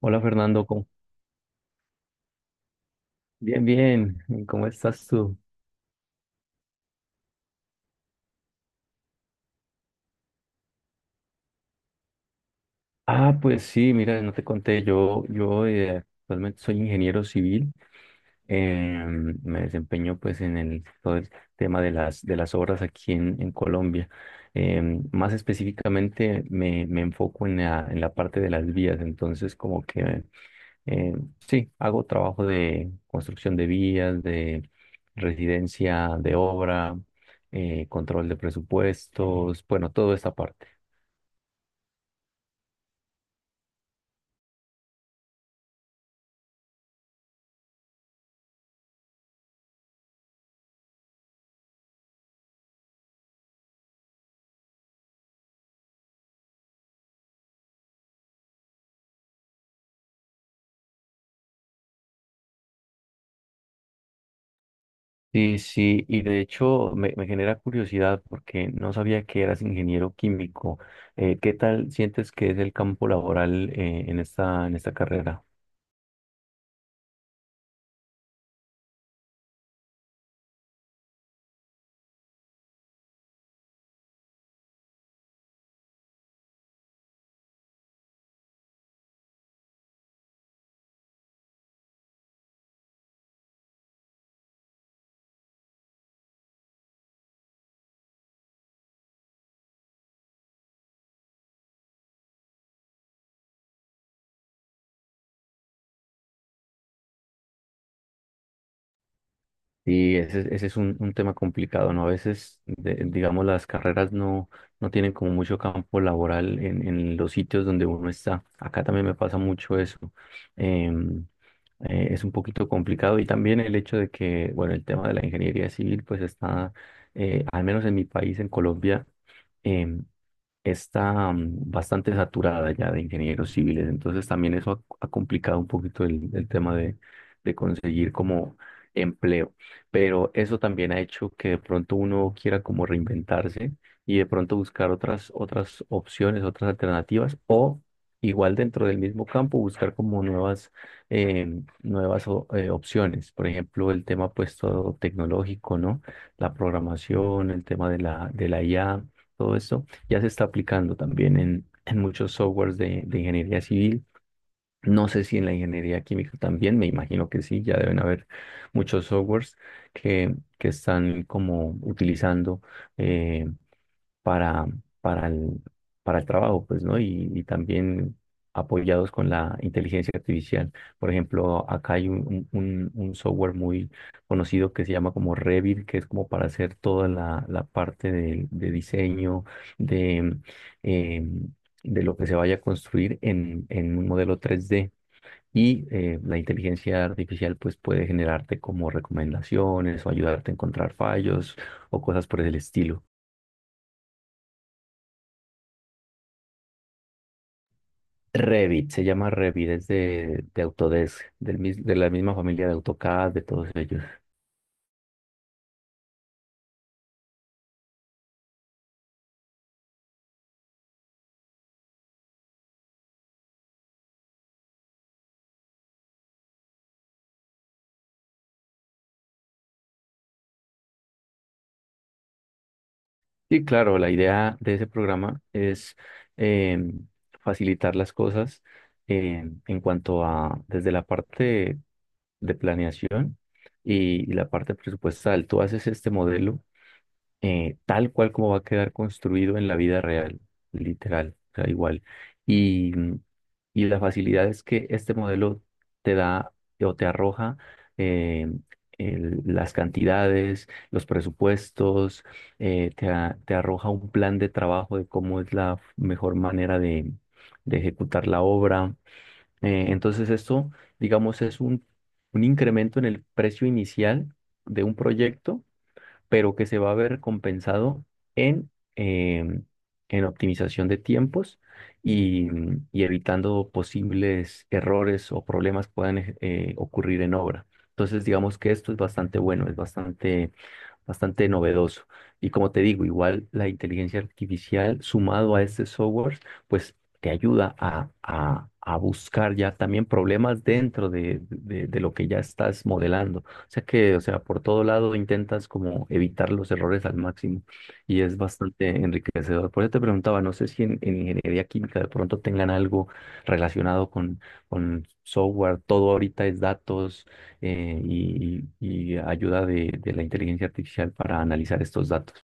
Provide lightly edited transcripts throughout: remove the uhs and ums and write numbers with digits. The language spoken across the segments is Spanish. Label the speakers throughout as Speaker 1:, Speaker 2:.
Speaker 1: Hola Fernando, bien, bien, ¿y cómo estás tú? Ah, pues sí, mira, no te conté, yo actualmente soy ingeniero civil. Eh, Me desempeño pues en todo el tema de de las obras aquí en Colombia. Eh, Más específicamente me enfoco en en la parte de las vías, entonces como que eh, sí, hago trabajo de construcción de vías, de residencia de obra, control de presupuestos, bueno, toda esta parte. Sí, sí, y de hecho me genera curiosidad porque no sabía que eras ingeniero químico. ¿Qué tal sientes que es el campo laboral en en esta carrera? Sí, ese es un tema complicado, ¿no? A veces, digamos, las carreras no, no tienen como mucho campo laboral en los sitios donde uno está. Acá también me pasa mucho eso. Em, es un poquito complicado y también el hecho de que, bueno, el tema de la ingeniería civil, pues está, al menos en mi país, en Colombia, em, está bastante saturada ya de ingenieros civiles, entonces también eso ha, ha complicado un poquito el tema de conseguir como empleo, pero eso también ha hecho que de pronto uno quiera como reinventarse y de pronto buscar otras, otras opciones, otras alternativas o... Igual dentro del mismo campo, buscar como nuevas, nuevas opciones. Por ejemplo, el tema pues todo tecnológico, ¿no? La programación, el tema de de la IA, todo esto ya se está aplicando también en muchos softwares de ingeniería civil. No sé si en la ingeniería química también, me imagino que sí, ya deben haber muchos softwares que están como utilizando eh, para, para para el trabajo, pues, ¿no? Y también apoyados con la inteligencia artificial. Por ejemplo, acá hay un software muy conocido que se llama como Revit, que es como para hacer toda la parte de diseño, de, eh, de lo que se vaya a construir en un modelo 3D. Y la inteligencia artificial pues puede generarte como recomendaciones o ayudarte a encontrar fallos o cosas por el estilo. Revit, se llama Revit, es de Autodesk, de la misma familia de AutoCAD, de todos ellos. Y claro, la idea de ese programa es em, facilitar las cosas en cuanto a, desde la parte de planeación y la parte presupuestal. Tú haces este modelo tal cual como va a quedar construido en la vida real, literal, o sea, igual. Y, mm, y la facilidad es que este modelo te da o te arroja eh, las cantidades, los presupuestos, te arroja un plan de trabajo de cómo es la mejor manera de ejecutar la obra. Entonces esto, digamos, es un incremento en el precio inicial de un proyecto, pero que se va a ver compensado en, em, en optimización de tiempos y, y evitando posibles errores o problemas que puedan ocurrir en obra. Entonces, digamos que esto es bastante bueno, es bastante novedoso. Y como te digo, igual la inteligencia artificial sumado a este software, pues te ayuda a buscar ya también problemas dentro de lo que ya estás modelando. O sea que, o sea, por todo lado intentas como evitar los errores al máximo y es bastante enriquecedor. Por eso te preguntaba, no sé si en, en ingeniería química de pronto tengan algo relacionado con software, todo ahorita es datos y ayuda de la inteligencia artificial para analizar estos datos.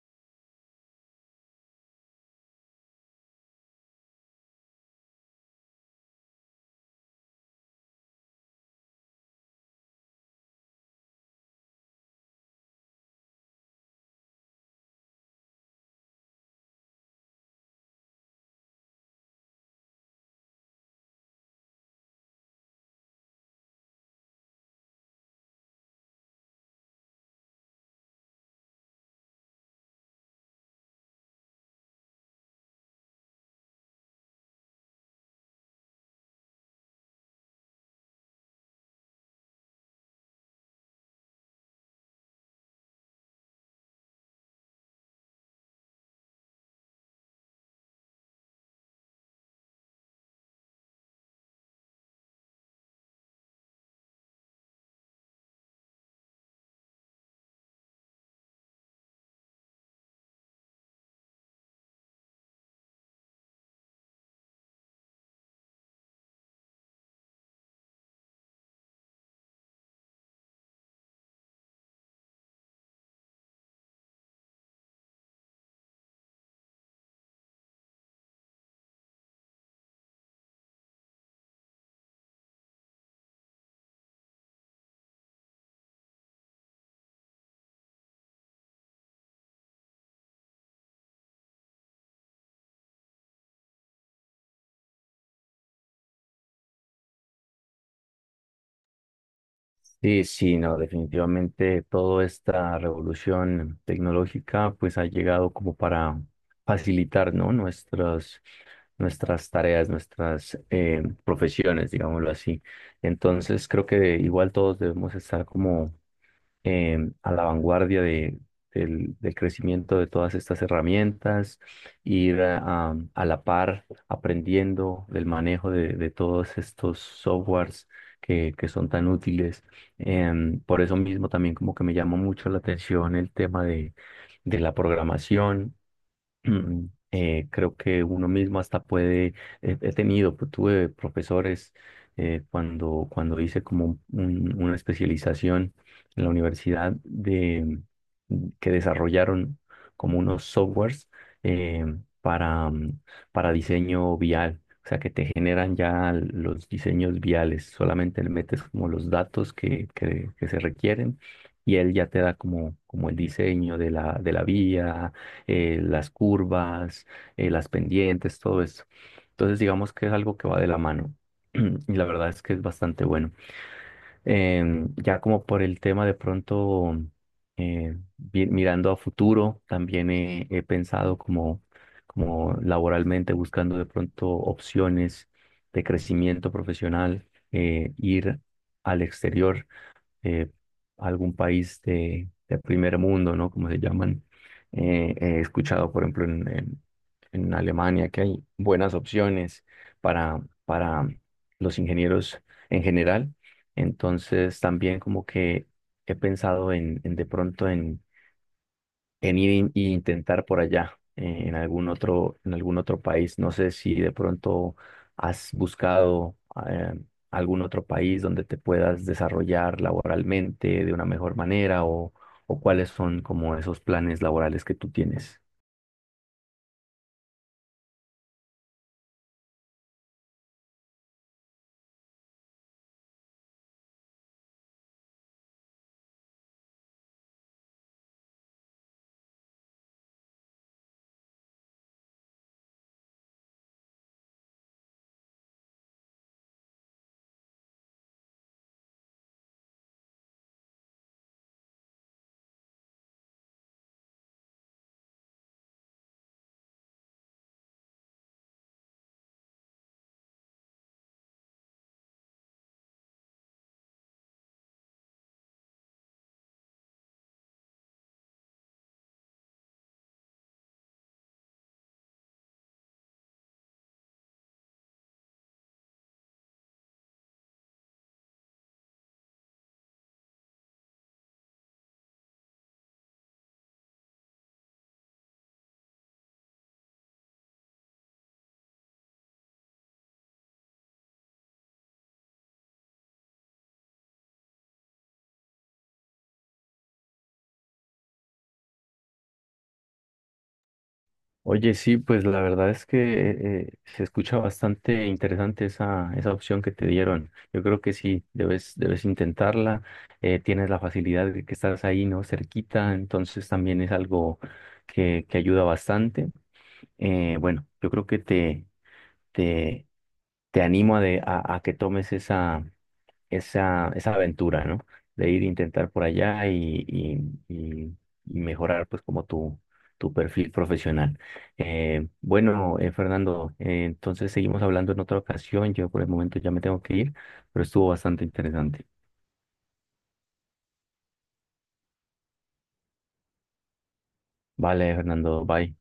Speaker 1: Sí, sí, no, definitivamente toda esta revolución tecnológica pues ha llegado como para facilitar, ¿no? Nuestras, nuestras tareas, nuestras profesiones, digámoslo así. Entonces creo que igual todos debemos estar como a la vanguardia del, del crecimiento de todas estas herramientas, ir a, a la par aprendiendo del manejo de todos estos softwares que son tan útiles. Em, por eso mismo también como que me llama mucho la atención el tema de la programación. Mm, creo que uno mismo hasta puede, he tenido, pues, tuve profesores cuando, cuando hice como una especialización en la universidad de, que desarrollaron como unos softwares eh, para, mm, para diseño vial, o sea que te generan ya los diseños viales, solamente le metes como los datos que se requieren y él ya te da como, como el diseño de de la vía las curvas, las pendientes, todo esto. Entonces, digamos que es algo que va de la mano. Y la verdad es que es bastante bueno. Em, ya como por el tema de pronto, mirando a futuro, también he pensado como, como laboralmente, buscando de pronto opciones de crecimiento profesional, ir al exterior eh, algún país de primer mundo, ¿no? Como se llaman. He escuchado, por ejemplo, en Alemania que hay buenas opciones para los ingenieros en general. Entonces, también como que he pensado en de pronto en ir e intentar por allá, en algún otro país. No sé si de pronto has buscado eh, algún otro país donde te puedas desarrollar laboralmente de una mejor manera o cuáles son como esos planes laborales que tú tienes. Oye, sí, pues la verdad es que se escucha bastante interesante esa, esa opción que te dieron. Yo creo que sí, debes, debes intentarla. Eh, tienes la facilidad de que estás ahí, ¿no? Cerquita, entonces también es algo que ayuda bastante. Bueno, yo creo que te, te animo a, a que tomes esa, esa, esa aventura, ¿no? De ir a intentar por allá y, y- y mejorar, pues, como tu perfil profesional. Bueno, Fernando, entonces seguimos hablando en otra ocasión. Yo por el momento ya me tengo que ir, pero estuvo bastante interesante. Vale, Fernando, bye.